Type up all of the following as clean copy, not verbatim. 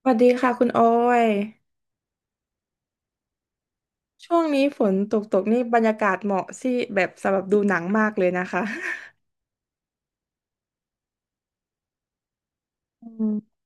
สวัสดีค่ะคุณออยช่วงนี้ฝนตกตกนี่บรรยากาศเหมาะสิแบบสำหรับดูหนังมากเลยนะคะอืม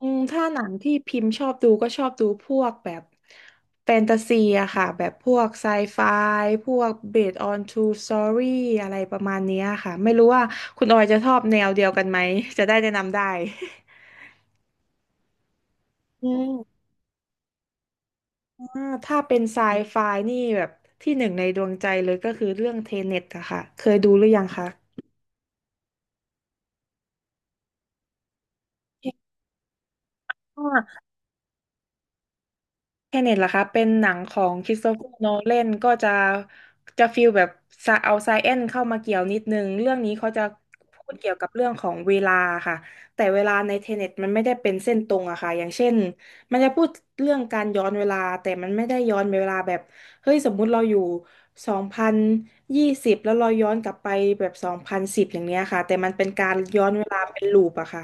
อืมถ้าหนังที่พิมพ์ชอบดูก็ชอบดูพวกแบบแฟนตาซีอะค่ะแบบพวกไซไฟพวก based on true story อะไรประมาณเนี้ยค่ะไม่รู้ว่าคุณออยจะชอบแนวเดียวกันไหมจะได้แนะนำได้อืมอ่าถ้าเป็นไซไฟนี่แบบที่หนึ่งในดวงใจเลยก็คือเรื่องเทเน็ตอะค่ะเคยดูหรือยังคะอ่า แคเน็ตล่ะคะเป็นหนังของคริสโตเฟอร์โนแลนก็จะฟีลแบบซะเอาไซเอนเข้ามาเกี่ยวนิดนึงเรื่องนี้เขาจะพูดเกี่ยวกับเรื่องของเวลาค่ะแต่เวลาในเทเน็ตมันไม่ได้เป็นเส้นตรงอะค่ะอย่างเช่นมันจะพูดเรื่องการย้อนเวลาแต่มันไม่ได้ย้อนเวลาแบบเฮ้ยสมมุติเราอยู่2020แล้วเราย้อนกลับไปแบบ2010อย่างเนี้ยค่ะแต่มันเป็นการย้อนเวลาเป็นลูปอะค่ะ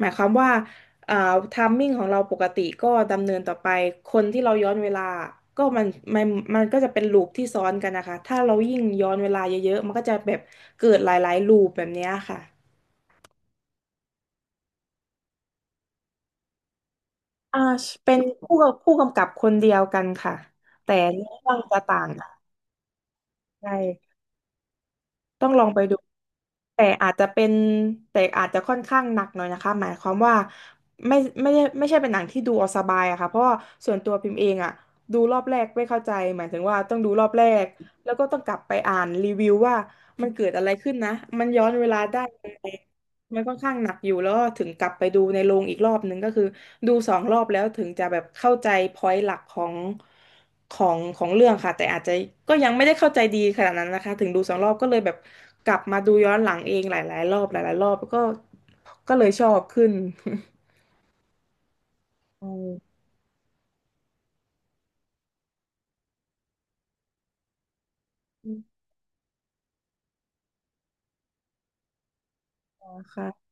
หมายความว่า อ่าไทามมิ่งของเราปกติก็ดำเนินต่อไป คนที่เราย้อนเวลา ก็มันมันก็จะเป็นลูปที่ซ้อนกันนะคะ ถ้าเรายิ่งย้อนเวลาเยอะๆ มันก็จะแบบเกิดหลายๆลูปแบบเนี้ยค่ะอ่าเป็นผู้กำกับคนเดียวกันค่ะ แต่เรื่องจะต่างกันใช่ ต้องลองไปดูแต่อาจจะเป็นแต่อาจจะค่อนข้างหนักหน่อยนะคะหมายความว่าไม่ไม่ได้ไม่ใช่เป็นหนังที่ดูเอาสบายอะค่ะเพราะว่าส่วนตัวพิมพ์เองอะดูรอบแรกไม่เข้าใจหมายถึงว่าต้องดูรอบแรกแล้วก็ต้องกลับไปอ่านรีวิวว่ามันเกิดอะไรขึ้นนะมันย้อนเวลาได้ยังไง มันค่อนข้างหนักอยู่แล้วถึงกลับไปดูในโรงอีกรอบหนึงก็คือดูสองรอบแล้วถึงจะแบบเข้าใจพอยต์หลักของเรื่องค่ะแต่อาจจะก็ยังไม่ได้เข้าใจดีขนาดนั้นนะคะถึงดูสองรอบก็เลยแบบกลับมาดูย้อนหลังเองหลายๆรอบหลายๆรอบก็ก็เลยชอบขึ้นอืมค่ะ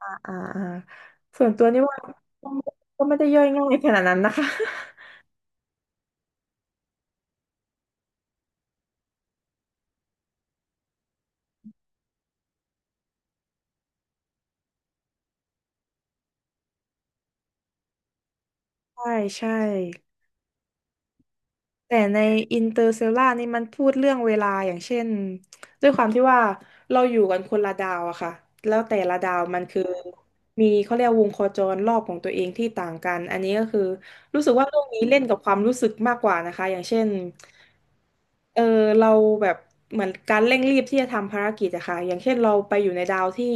อ่าอ่าอ่าส่วนตัวนี่ว่าก็ไม่ได้ย่อยง่ายขนาดนั้นนะคะใช่ใช่ แต่ในอินเตอร์เซลล่านี่มันพูดเรื่องเวลาอย่างเช่นด้วยความที่ว่าเราอยู่กันคนละดาวอะค่ะแล้วแต่ละดาวมันคือมีเขาเรียกวงโคจรรอบของตัวเองที่ต่างกันอันนี้ก็คือรู้สึกว่าเรื่องนี้เล่นกับความรู้สึกมากกว่านะคะอย่างเช่นเออเราแบบเหมือนการเร่งรีบที่จะทำภารกิจอะค่ะอย่างเช่นเราไปอยู่ในดาวที่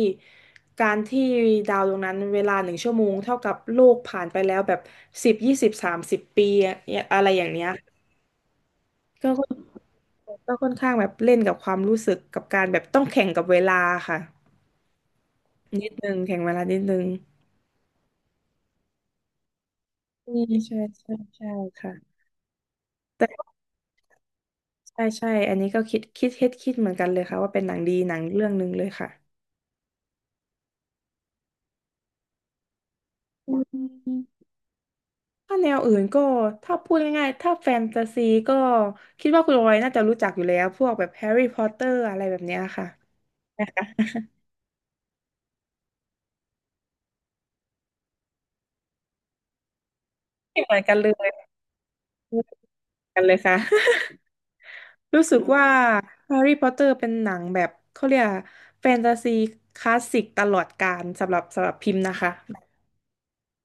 การที่ดาวดวงนั้นเวลา1 ชั่วโมงเท่ากับโลกผ่านไปแล้วแบบ10 20 30 ปีอะอะไรอย่างเนี้ย ก็ค่อนก็ค่อนข้างแบบเล่นกับความรู้สึกกับการแบบต้องแข่งกับเวลาค่ะนิดนึงแข่งเวลานิดนึงอืมใช่ใช่ใช่ค่ะแต่ใช่ใช่อันนี้ก็คิดเหมือนกันเลยค่ะว่าเป็นหนังดีหนังเรื่องหนึ่งเลยค่ะอืมถ้าแนวอื่นก็ถ้าพูดง่ายๆถ้าแฟนตาซีก็คิดว่าคุณออยน่าจะรู้จักอยู่แล้วพวกแบบแฮร์รี่พอตเตอร์อะไรแบบเนี้ยค่ะ นะคะ ไม่เหมือนกันเลยไม่เหมือนกันเลยค่ะ รู้สึกว่าแฮร์รี่พอตเตอร์เป็นหนังแบบเขาเรียกแฟนตาซีคลาสสิกตลอดกาลสำหรับพิมพ์นะคะ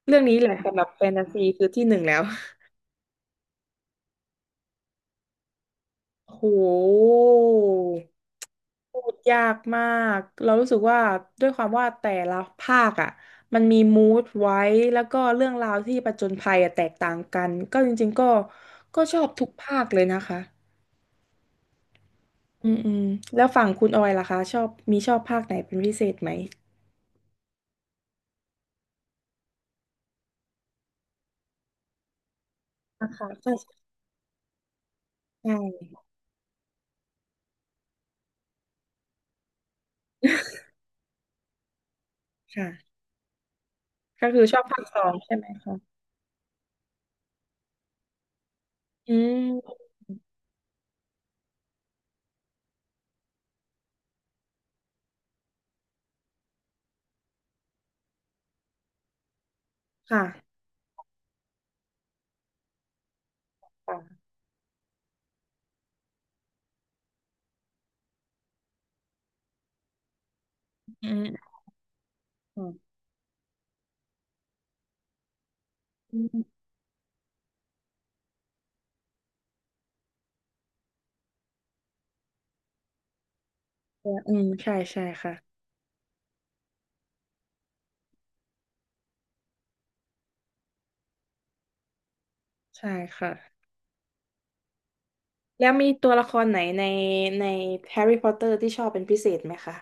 เรื่องนี้แหละสำหรับแฟนตาซีคือที่หนึ่งแล้วโหพูดยากมากเรารู้สึกว่าด้วยความว่าแต่ละภาคอ่ะมันมีมูดไว้แล้วก็เรื่องราวที่ผจญภัยอะแตกต่างกันก็จริงๆก็ก็ชอบทุกภาคเลยนะคะอืมอืมแล้วฝั่งคุณออยล่ะคะชอบภาคไหนเป็นพิเศษไหมนะคะใช่ใช่ ค่ะก็คือชอบภาคสองใช่ไหมคะอืมค่ะค่ะอืมอืมอืมอืมใช่ใช่ค่ะใช่ค่ะแล้วมีตัวละครไหนในในแฮร์รี่พอตเตอร์ที่ชอบเป็นพิเศษไหมคะ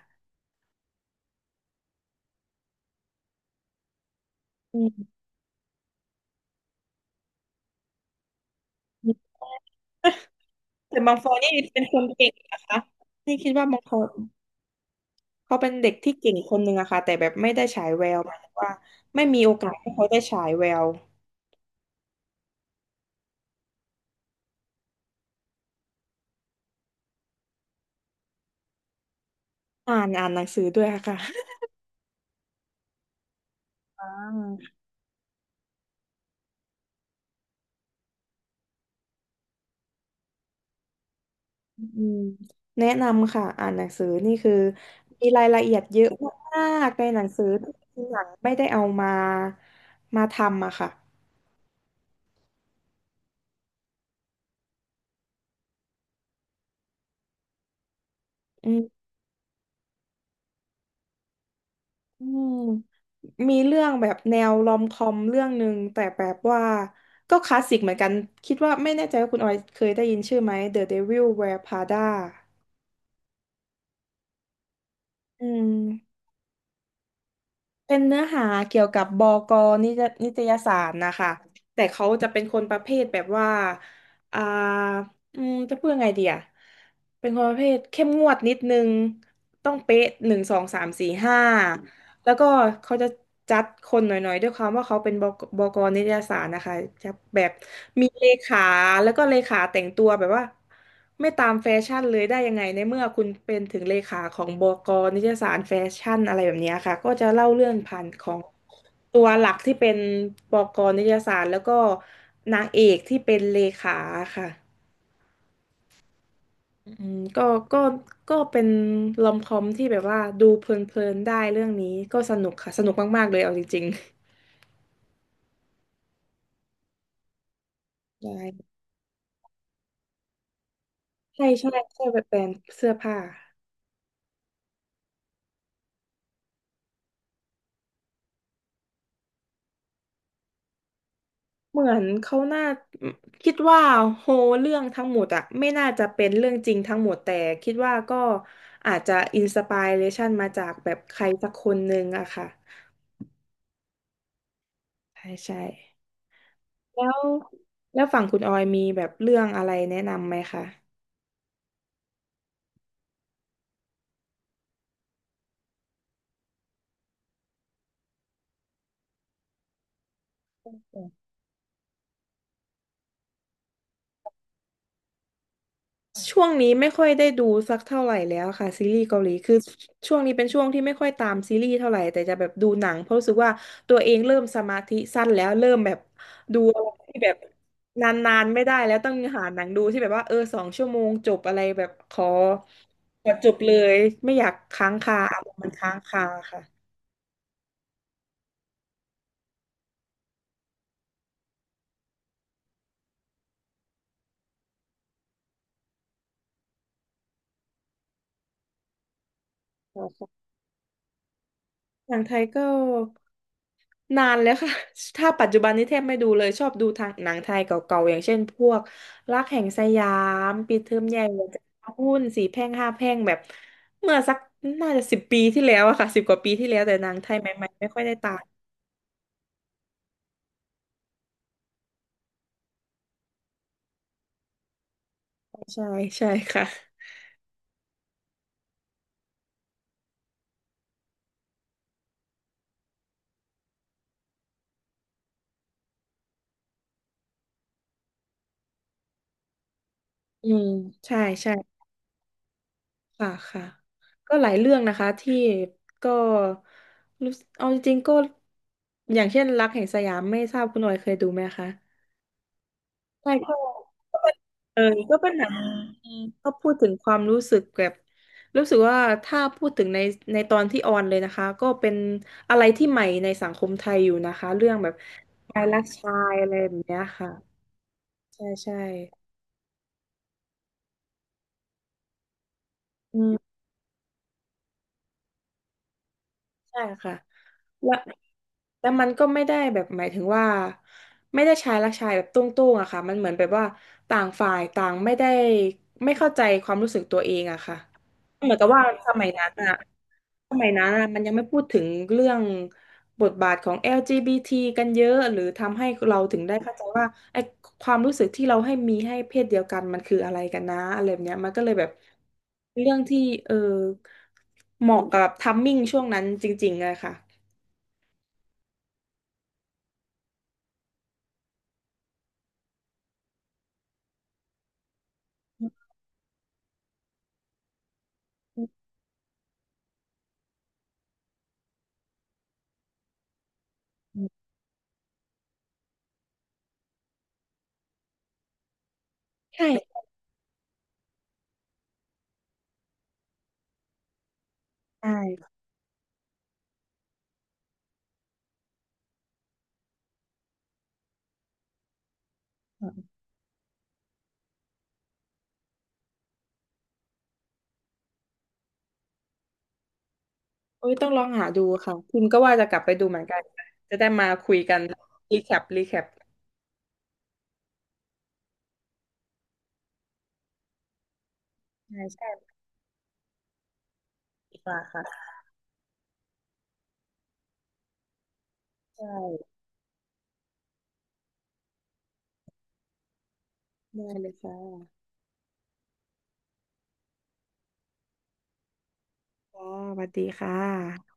อืมแต่มังฟอยนี่เป็นคนเก่งนะคะนี่คิดว่ามังฟอยเขาเป็นเด็กที่เก่งคนหนึ่งอะค่ะแต่แบบไม่ได้ฉายแววหมายถึงว่าไม่มีโอกาสให้เขาได้ฉายแววอ่านอ่านหนังสือด้วยอะค่ะอ่า อืมแนะนำค่ะอ่านหนังสือนี่คือมีรายละเอียดเยอะมากในหนังสือที่หนังไม่ได้เอามาทำอะค่ะอืมอืมมีเรื่องแบบแนวรอมคอมเรื่องหนึ่งแต่แบบว่าก็คลาสสิกเหมือนกันคิดว่าไม่แน่ใจว่าคุณออยเคยได้ยินชื่อไหม The Devil Wears Prada อืม เป็นเนื้อหาเกี่ยวกับบกนิจนิตยสารนะคะแต่เขาจะเป็นคนประเภทแบบว่าอ่าจะพูดยังไงดีอะเป็นคนประเภทเข้มงวดนิดนึงต้องเป๊ะหนึ่งสองสามสี่ห้า แล้วก็เขาจะจัดคนหน่อยๆด้วยความว่าเขาเป็นบกนิตยสารนะคะจะแบบมีเลขาแล้วก็เลขาแต่งตัวแบบว่าไม่ตามแฟชั่นเลยได้ยังไงในเมื่อคุณเป็นถึงเลขาของบกนิตยสารแฟชั่นอะไรแบบเนี้ยค่ะก็จะเล่าเรื่องผ่านของตัวหลักที่เป็นบกนิตยสารแล้วก็นางเอกที่เป็นเลขาค่ะอืมก็ก็ก็เป็นลอมคอมที่แบบว่าดูเพลินๆได้เรื่องนี้ก็สนุกค่ะสนุกมากๆเลยเอาจริง ได้ใช่ใช่ใช่แบบแบรนด์เสื้อผ้าเหมือนเขาน่าคิดว่าโฮเรื่องทั้งหมดอะไม่น่าจะเป็นเรื่องจริงทั้งหมดแต่คิดว่าก็อาจจะอินสป r เรชันมาจากแบบใครสักคนหนึ่งอะค่ะใช่ใช่แล้วฝั่งคุณออยมีแบบเรื่องอะไรแนะนำไหมคะ ช่วงนี้ไม่ค่อยได้ดูสักเท่าไหร่แล้วค่ะซีรีส์เกาหลีคือช่วงนี้เป็นช่วงที่ไม่ค่อยตามซีรีส์เท่าไหร่แต่จะแบบดูหนังเพราะรู้สึกว่าตัวเองเริ่มสมาธิสั้นแล้วเริ่มแบบดูอะไรที่แบบนานๆไม่ได้แล้วต้องหาหนังดูที่แบบว่าสองชั่วโมงจบอะไรแบบขอจบเลยไม่อยากค้างคาอารมณ์มันค้างคาค่ะหนังไทยก็ นานแล้วค่ะ ถ้าปัจจุบันนี้แทบไม่ดูเลยชอบดูทางหนังไทยเก่าๆอย่างเช่นพวกรักแห่งสยามปิดเทอมใหญ่หัวใจหุ้นสี่แพร่งห้าแพร่งแบบเมื่อสักน่าจะสิบปีที่แล้วอะค่ะสิบกว่าปีที่แล้วแต่หนังไทยใหม่ๆไม่ค่อยได้ตามใช่ใช่ค่ะอืมใช่ใช่ค่ะค่ะก็หลายเรื่องนะคะที่ก็รู้สึกเอาจริงๆก็อย่างเช่นรักแห่งสยามไม่ทราบคุณหน่อยเคยดูไหมคะ ใช่ก็ก็เป็นเออก็เป็นหนังก็พูดถึงความรู้สึกแบบรู้สึกว่าถ้าพูดถึงในในตอนที่ออนเลยนะคะก็เป็นอะไรที่ใหม่ในสังคมไทยอยู่นะคะชายรักชายอะไรแบบเนี้ยค่ะใช่ใช่อืมใช่ค่ะ และแต่มันก็ไม่ได้แบบหมายถึงว่าไม่ได้ชายรักชายแบบตุ้งๆอะค่ะมันเหมือนแบบว่าต่างฝ่ายต่างไม่ได้ไม่เข้าใจความรู้สึกตัวเองอะค่ะเหมือนกับว่าสมัยนั้นอะมันยังไม่พูดถึงเรื่องบทบาทของ LGBT กันเยอะหรือทำให้เราถึงได้เข้าใจว่าไอ้ความรู้สึกที่เราให้มีให้เพศเดียวกันมันคืออะไรกันนะอะไรแบบเนี้ยมันก็เลยแบบเรื่องที่เออเหมาะกับทัมมิ่งช่วงนั้นจริงๆอะค่ะ ใช่ใช่ค่ะโอ้ยต้องลองหาดูค่ะคุณก็ว่าจะกลับไปดูเหมือนกันจะได้มาคุยกันรีแคปรีแคปใช่ใช่ดีกว่าค่ะใช่ได้เลยค่ะค่ะสวัสดีค่ะ